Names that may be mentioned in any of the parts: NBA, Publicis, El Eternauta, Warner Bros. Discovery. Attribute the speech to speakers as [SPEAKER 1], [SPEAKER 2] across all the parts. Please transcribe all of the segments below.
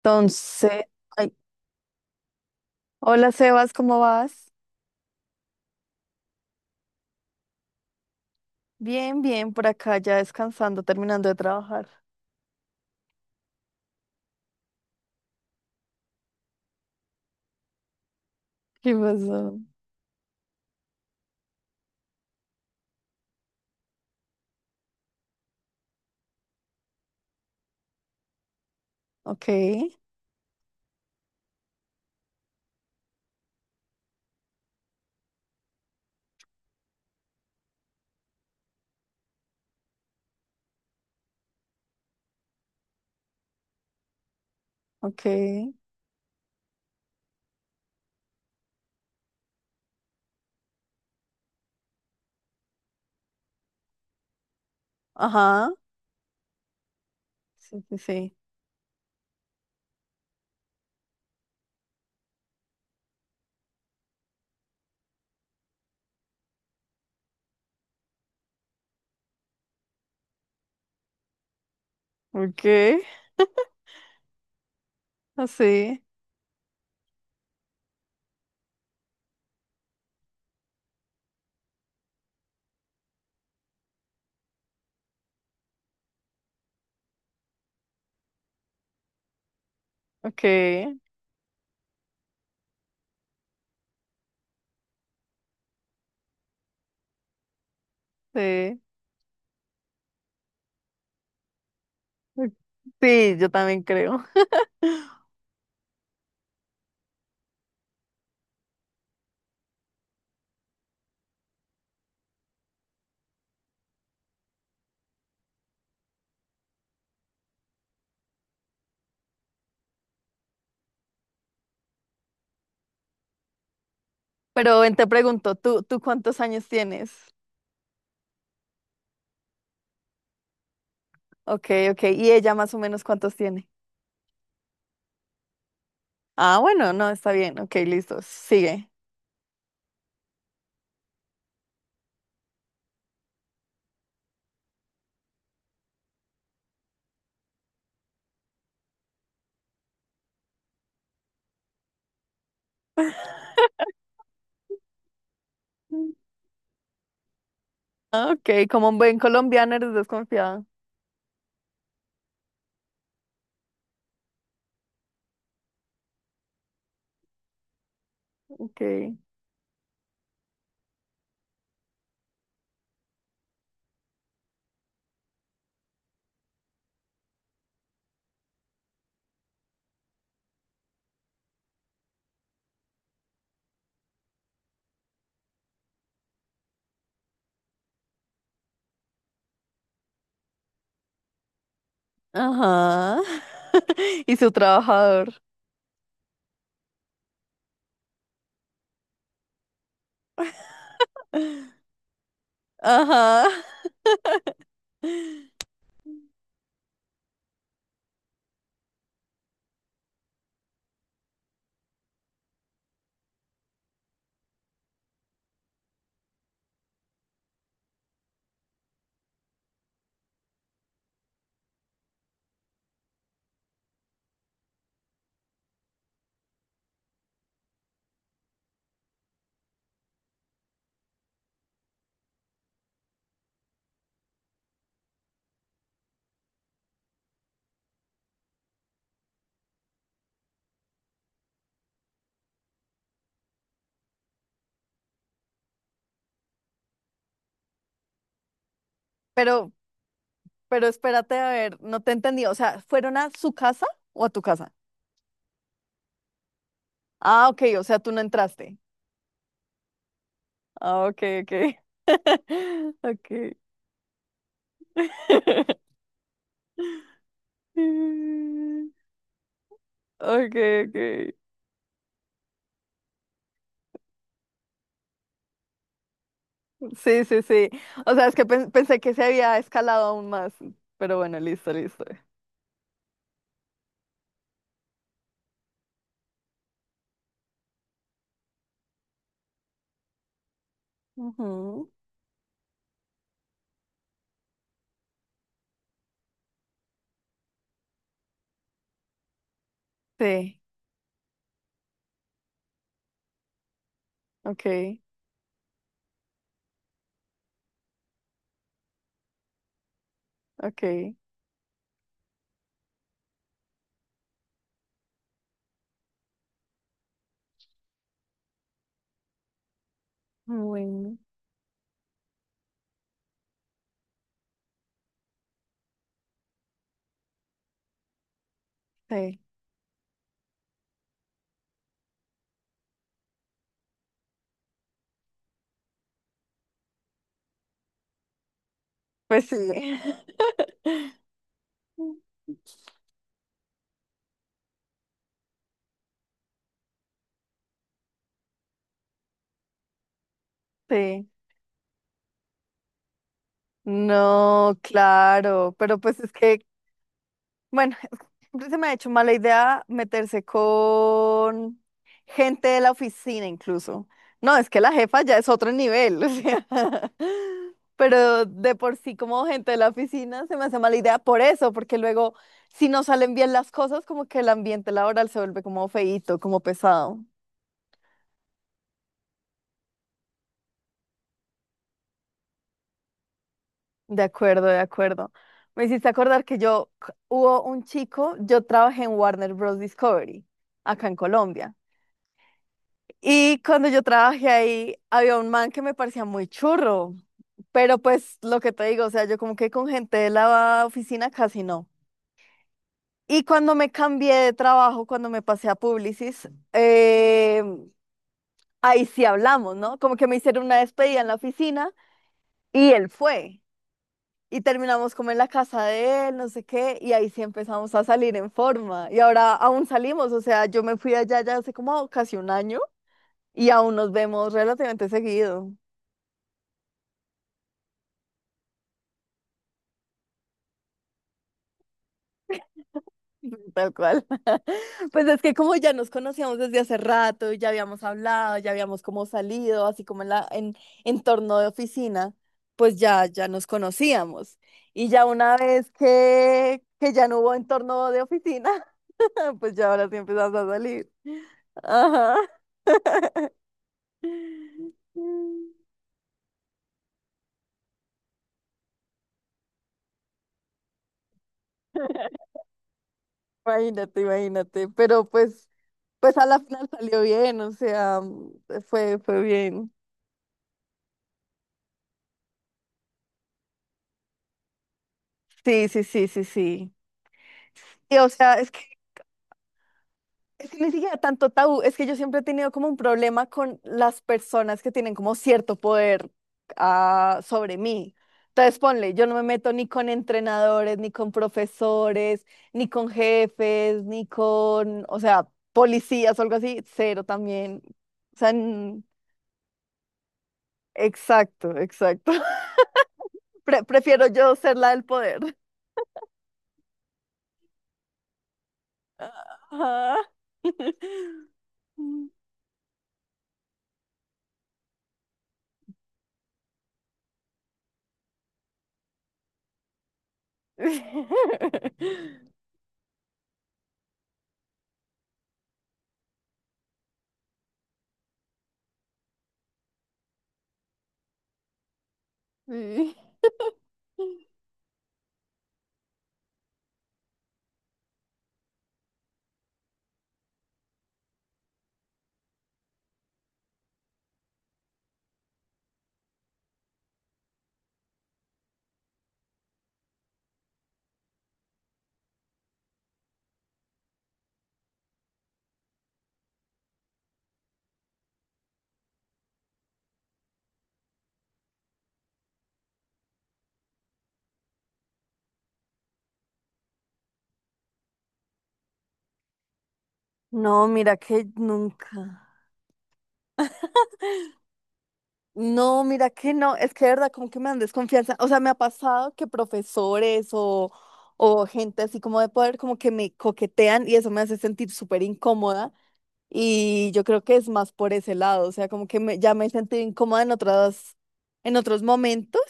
[SPEAKER 1] Entonces, ay, hola Sebas, ¿cómo vas? Bien, bien, por acá ya descansando, terminando de trabajar. ¿Qué pasó? Ok, ok, ajá, sí, sí, sí. Ok, así, ok, sí. Sí, yo también creo. Pero ven, te pregunto, ¿tú ¿cuántos años tienes? Ok, ok, ¿y ella más o menos cuántos tiene? Ah, bueno, no, está bien, ok, listo, sigue. Ah, ok, como un buen colombiano eres desconfiado. Ok. Ajá. Y su trabajador. Ajá. Pero, pero espérate, a ver, no te entendí. O sea, ¿fueron a su casa o a tu casa? Ah, ok, o sea, tú no entraste. Ah, ok, ok. Ok. Mm, ok, ok. Sí, sí, sí. O sea, es que pensé que se había escalado aún más. Pero bueno, listo, listo. Ujú. Sí, ok, ok. Bueno, sí. Pues sí. Sí. No, claro, pero pues es que, bueno, es que siempre se me ha hecho mala idea meterse con gente de la oficina incluso. No, es que la jefa ya es otro nivel, o sea, pero de por sí como gente de la oficina se me hace mala idea por eso, porque luego si no salen bien las cosas, como que el ambiente laboral se vuelve como feíto, como pesado. De acuerdo, de acuerdo. Me hiciste acordar que hubo un chico. Yo trabajé en Warner Bros. Discovery, acá en Colombia. Y cuando yo trabajé ahí, había un man que me parecía muy churro, pero pues lo que te digo, o sea, yo como que con gente de la oficina casi no. Y cuando me cambié de trabajo, cuando me pasé a Publicis, ahí sí hablamos, ¿no? Como que me hicieron una despedida en la oficina y él fue. Y terminamos como en la casa de él, no sé qué, y ahí sí empezamos a salir en forma. Y ahora aún salimos, o sea, yo me fui allá ya hace como casi un año y aún nos vemos relativamente seguido, tal cual. Pues es que como ya nos conocíamos desde hace rato, y ya habíamos hablado, ya habíamos como salido, así como en la en entorno de oficina, pues ya nos conocíamos. Y ya una vez que ya no hubo entorno de oficina, pues ya ahora sí empezamos a salir. Ajá. Imagínate, imagínate, pero pues, pues a la final salió bien, o sea, mm, fue, fue bien. Sí, sí, sí, sí, sí. Y o sea, es que ni siquiera tanto tabú, es que yo siempre he tenido como un problema con las personas que tienen como cierto poder, ah, sobre mí. Entonces, ponle, yo no me meto ni con entrenadores, ni con profesores, ni con jefes, ni con, o sea, policías o algo así, cero también. O sea, exacto, exacto. Prefiero yo ser la del poder. Ah. Sí. No, mira que nunca. No, mira que no. Es que de verdad, como que me dan desconfianza. O sea, me ha pasado que profesores o gente así como de poder, como que me coquetean y eso me hace sentir súper incómoda. Y yo creo que es más por ese lado. O sea, como que ya me he sentido incómoda en otras, en otros momentos.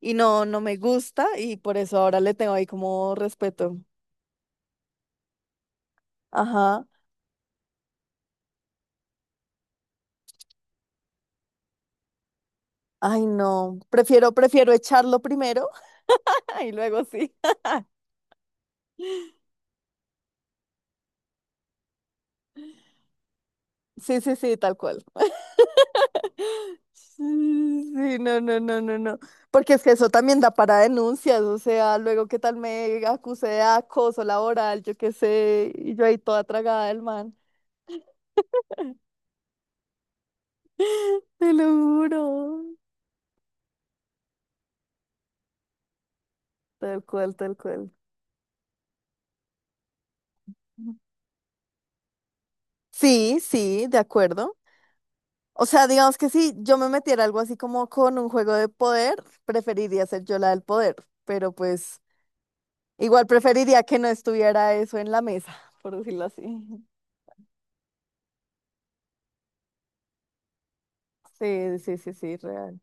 [SPEAKER 1] Y no, no me gusta y por eso ahora le tengo ahí como respeto. Ajá. Ay, no. Prefiero, prefiero echarlo primero y luego sí. Sí, sí, sí, tal cual. Sí, sí, no, no, no, no, no. Porque es que eso también da para denuncias, o sea, luego qué tal me acuse de acoso laboral, yo qué sé, y yo ahí toda tragada del man. Te lo juro. Tal cual, tal cual. Sí, sí, de acuerdo. O sea, digamos que si yo me metiera algo así como con un juego de poder, preferiría ser yo la del poder, pero pues igual preferiría que no estuviera eso en la mesa, por decirlo así. Sí, sí, sí, sí, real.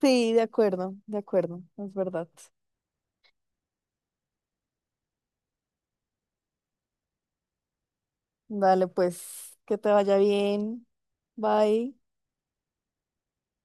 [SPEAKER 1] Sí, de acuerdo, es verdad. Dale, pues, que te vaya bien. Bye.